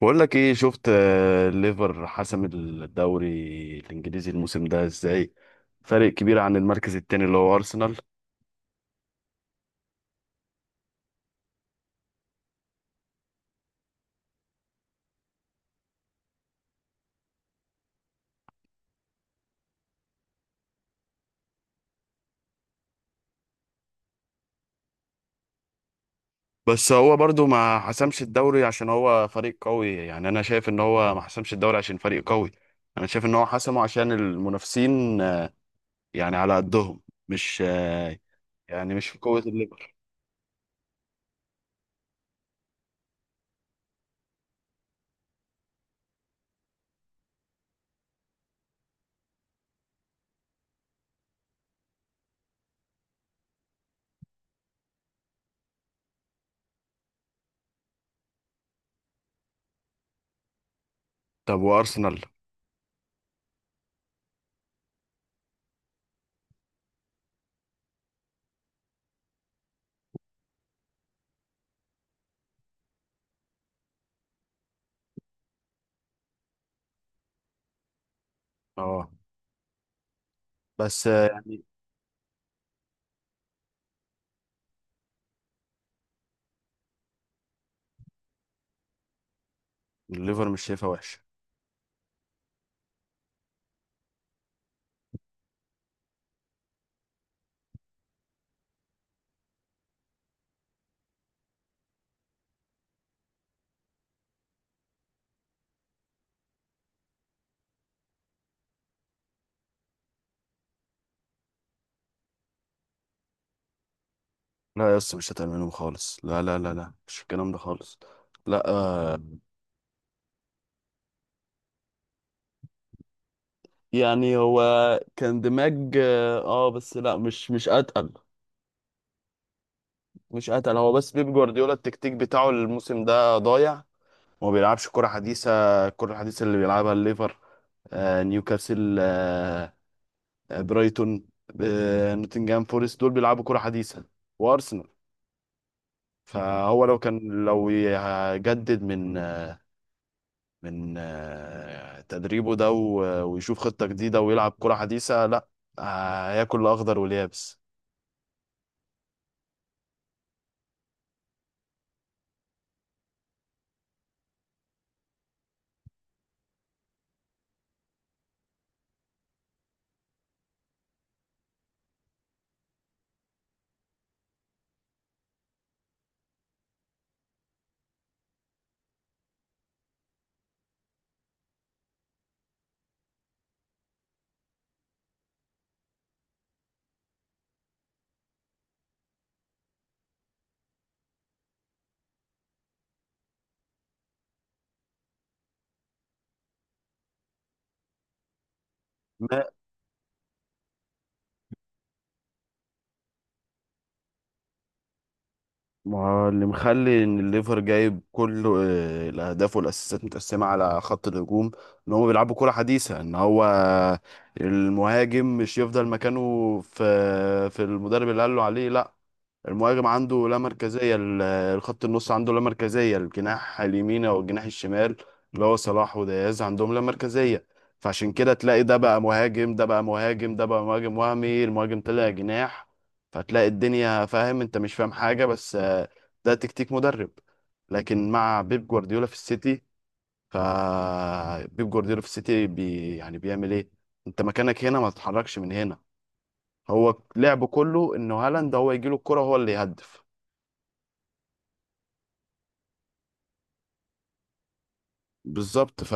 بقول لك ايه شفت ليفر حسم الدوري الانجليزي الموسم ده ازاي. فرق كبير عن المركز التاني اللي هو ارسنال. بس هو برضو ما حسمش الدوري عشان هو فريق قوي، يعني انا شايف ان هو ما حسمش الدوري عشان فريق قوي. انا شايف ان هو حسمه عشان المنافسين يعني على قدهم، مش يعني مش في قوة الليفر. طب وارسنال؟ اه، بس يعني الليفر مش شايفها وحشة. لا يا اسطى، مش هتعمل منهم خالص، لا لا لا لا، مش الكلام ده خالص. لا، يعني هو كان دماج، بس لا، مش اتقل. مش اتقل، هو بس بيب جوارديولا التكتيك بتاعه الموسم ده ضايع. ما بيلعبش كرة حديثة. الكرة الحديثة اللي بيلعبها الليفر، نيوكاسل، برايتون، نوتنجهام فورست، دول بيلعبوا كرة حديثة، وارسنال. فهو لو كان، لو يجدد من تدريبه ده، ويشوف خطة جديدة ويلعب كرة حديثة، لا، هياكل الأخضر واليابس. ما هو اللي مخلي ان الليفر جايب كل الاهداف والاسيستات متقسمه على خط الهجوم ان هم بيلعبوا كره حديثه. ان هو المهاجم مش يفضل مكانه في المدرب اللي قال له عليه. لا، المهاجم عنده لا مركزية، الخط النص عنده لا مركزية الجناح اليمين أو الجناح الشمال، اللي هو صلاح ودياز عندهم لا مركزية. فعشان كده تلاقي ده بقى مهاجم، ده بقى مهاجم، ده بقى مهاجم وهمي، المهاجم طلع جناح. فتلاقي الدنيا، فاهم؟ انت مش فاهم حاجة، بس ده تكتيك مدرب. لكن مع بيب جوارديولا في السيتي، فبيب جوارديولا في السيتي يعني بيعمل ايه، انت مكانك هنا ما تتحركش من هنا. هو لعبه كله انه هالاند هو يجيله الكرة، هو اللي يهدف. بالظبط.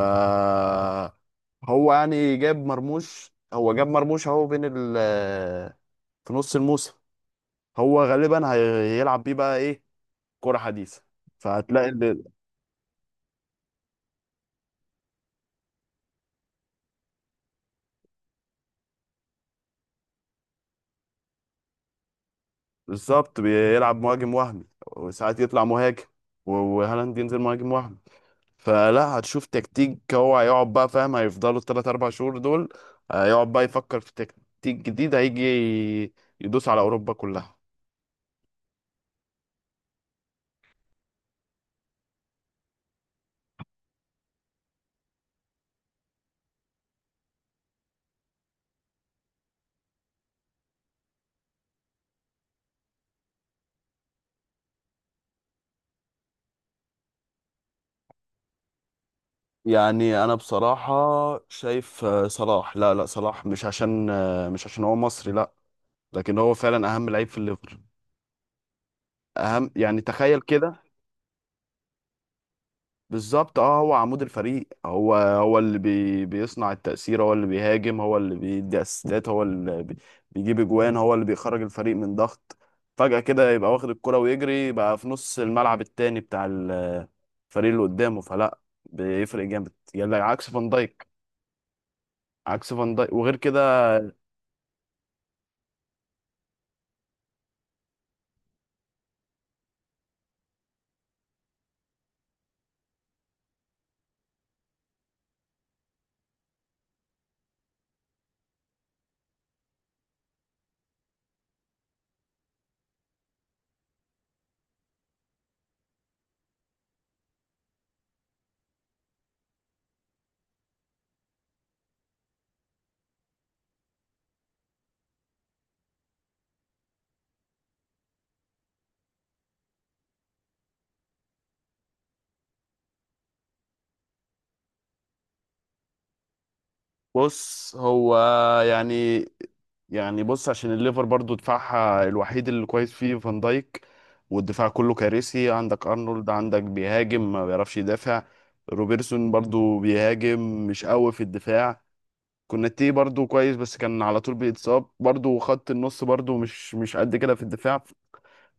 هو يعني جاب مرموش، اهو بين ال في نص الموسم، هو غالبا هيلعب بيه بقى ايه، كرة حديثة. فهتلاقي بالظبط بيلعب مهاجم وهمي وساعات يطلع مهاجم، وهالاند ينزل مهاجم وهمي. فلا هتشوف تكتيك، هو هيقعد بقى، فاهم؟ هيفضلوا الثلاث اربع شهور دول هيقعد بقى يفكر في تكتيك جديد هيجي يدوس على اوروبا كلها. يعني انا بصراحه شايف صلاح، لا لا، صلاح مش عشان هو مصري، لا. لكن هو فعلا اهم لعيب في الليفر. اهم، يعني تخيل كده. بالظبط. اه هو عمود الفريق، هو اللي بيصنع التأثير، هو اللي بيهاجم، هو اللي بيدي اسيستات، هو اللي بي بيجيب اجوان، هو اللي بيخرج الفريق من ضغط. فجأة كده يبقى واخد الكرة ويجري بقى في نص الملعب التاني بتاع الفريق اللي قدامه، فلا، بيفرق جامد، يعني عكس فان دايك. عكس فان دايك وغير كده. بص هو يعني، بص عشان الليفر برضو دفاعها الوحيد اللي كويس فيه فان دايك، والدفاع كله كارثي. عندك ارنولد عندك بيهاجم، ما بيعرفش يدافع. روبرتسون برضو بيهاجم، مش قوي في الدفاع. كوناتي برضو كويس بس كان على طول بيتصاب، برضو خط النص برضو مش قد كده في الدفاع.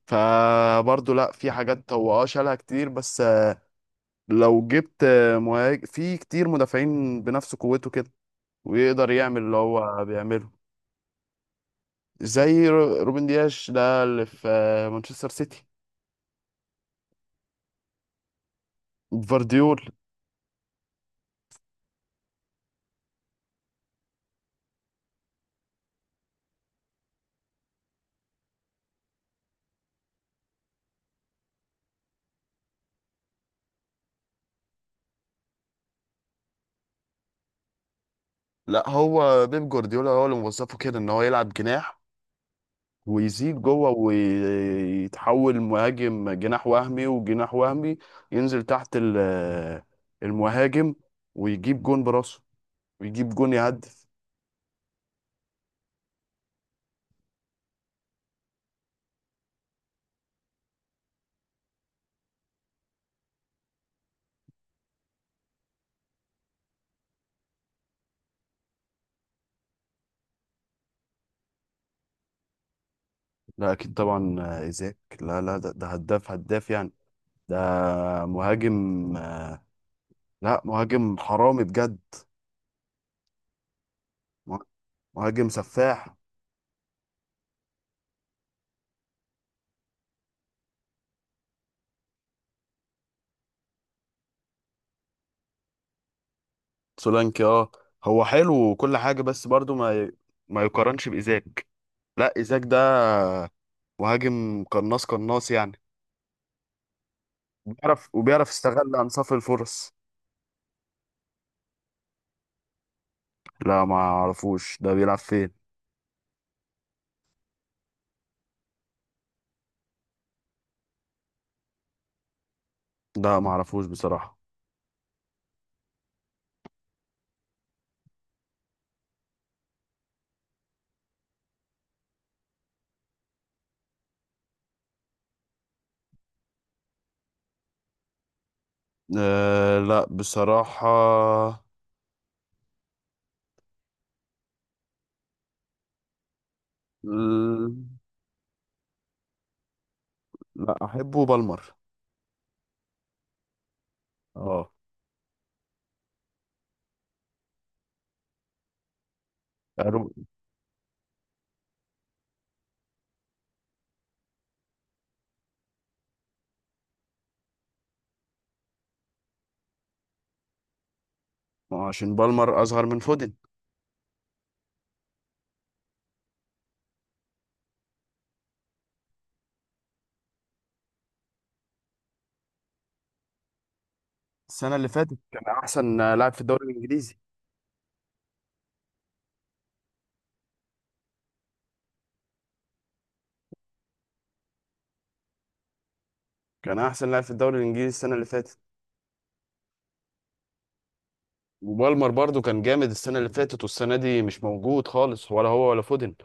فبرضه لا، في حاجات هو شالها كتير، بس لو جبت مهاجم في كتير مدافعين بنفس قوته كده ويقدر يعمل اللي هو بيعمله، زي روبن دياش ده اللي في مانشستر سيتي، فارديول. لا، هو بيب جوارديولا هو اللي موظفه كده ان هو يلعب جناح ويزيد جوه ويتحول مهاجم جناح وهمي وجناح وهمي، ينزل تحت المهاجم، ويجيب جون براسه ويجيب جون يهدف. لا اكيد طبعا، ايزاك، لا لا، ده هداف هداف يعني. ده مهاجم، آه، لا، مهاجم حرامي بجد. مه- مهاجم سفاح. سولانكي، هو حلو وكل حاجة، بس برضو ما يقارنش بإيزاك. لا، إيزاك ده مهاجم قناص قناص يعني، بيعرف وبيعرف يستغل أنصاف الفرص. لا ما اعرفوش، ده بيلعب فين. ده ما اعرفوش بصراحة. لا بصراحة، ال- لا أحبه بالمر. اه. أرو- عشان بالمر أصغر من فودن. السنة اللي فاتت كان أحسن لاعب في الدوري الإنجليزي. كان أحسن لاعب في الدوري الإنجليزي السنة اللي فاتت. وبالمر برضو كان جامد السنة اللي فاتت، والسنة دي مش موجود خالص، ولا هو ولا فودن.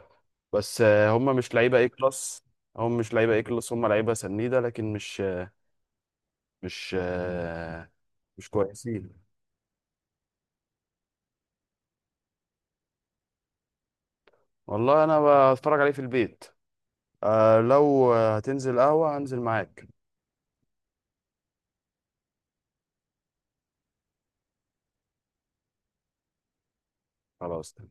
بس هم مش لعيبة ايه كلاس. هم لعيبة سنيدة، لكن مش آه، مش كويسين. والله انا بتفرج عليه في البيت. لو هتنزل قهوة هنزل معاك. خلاص.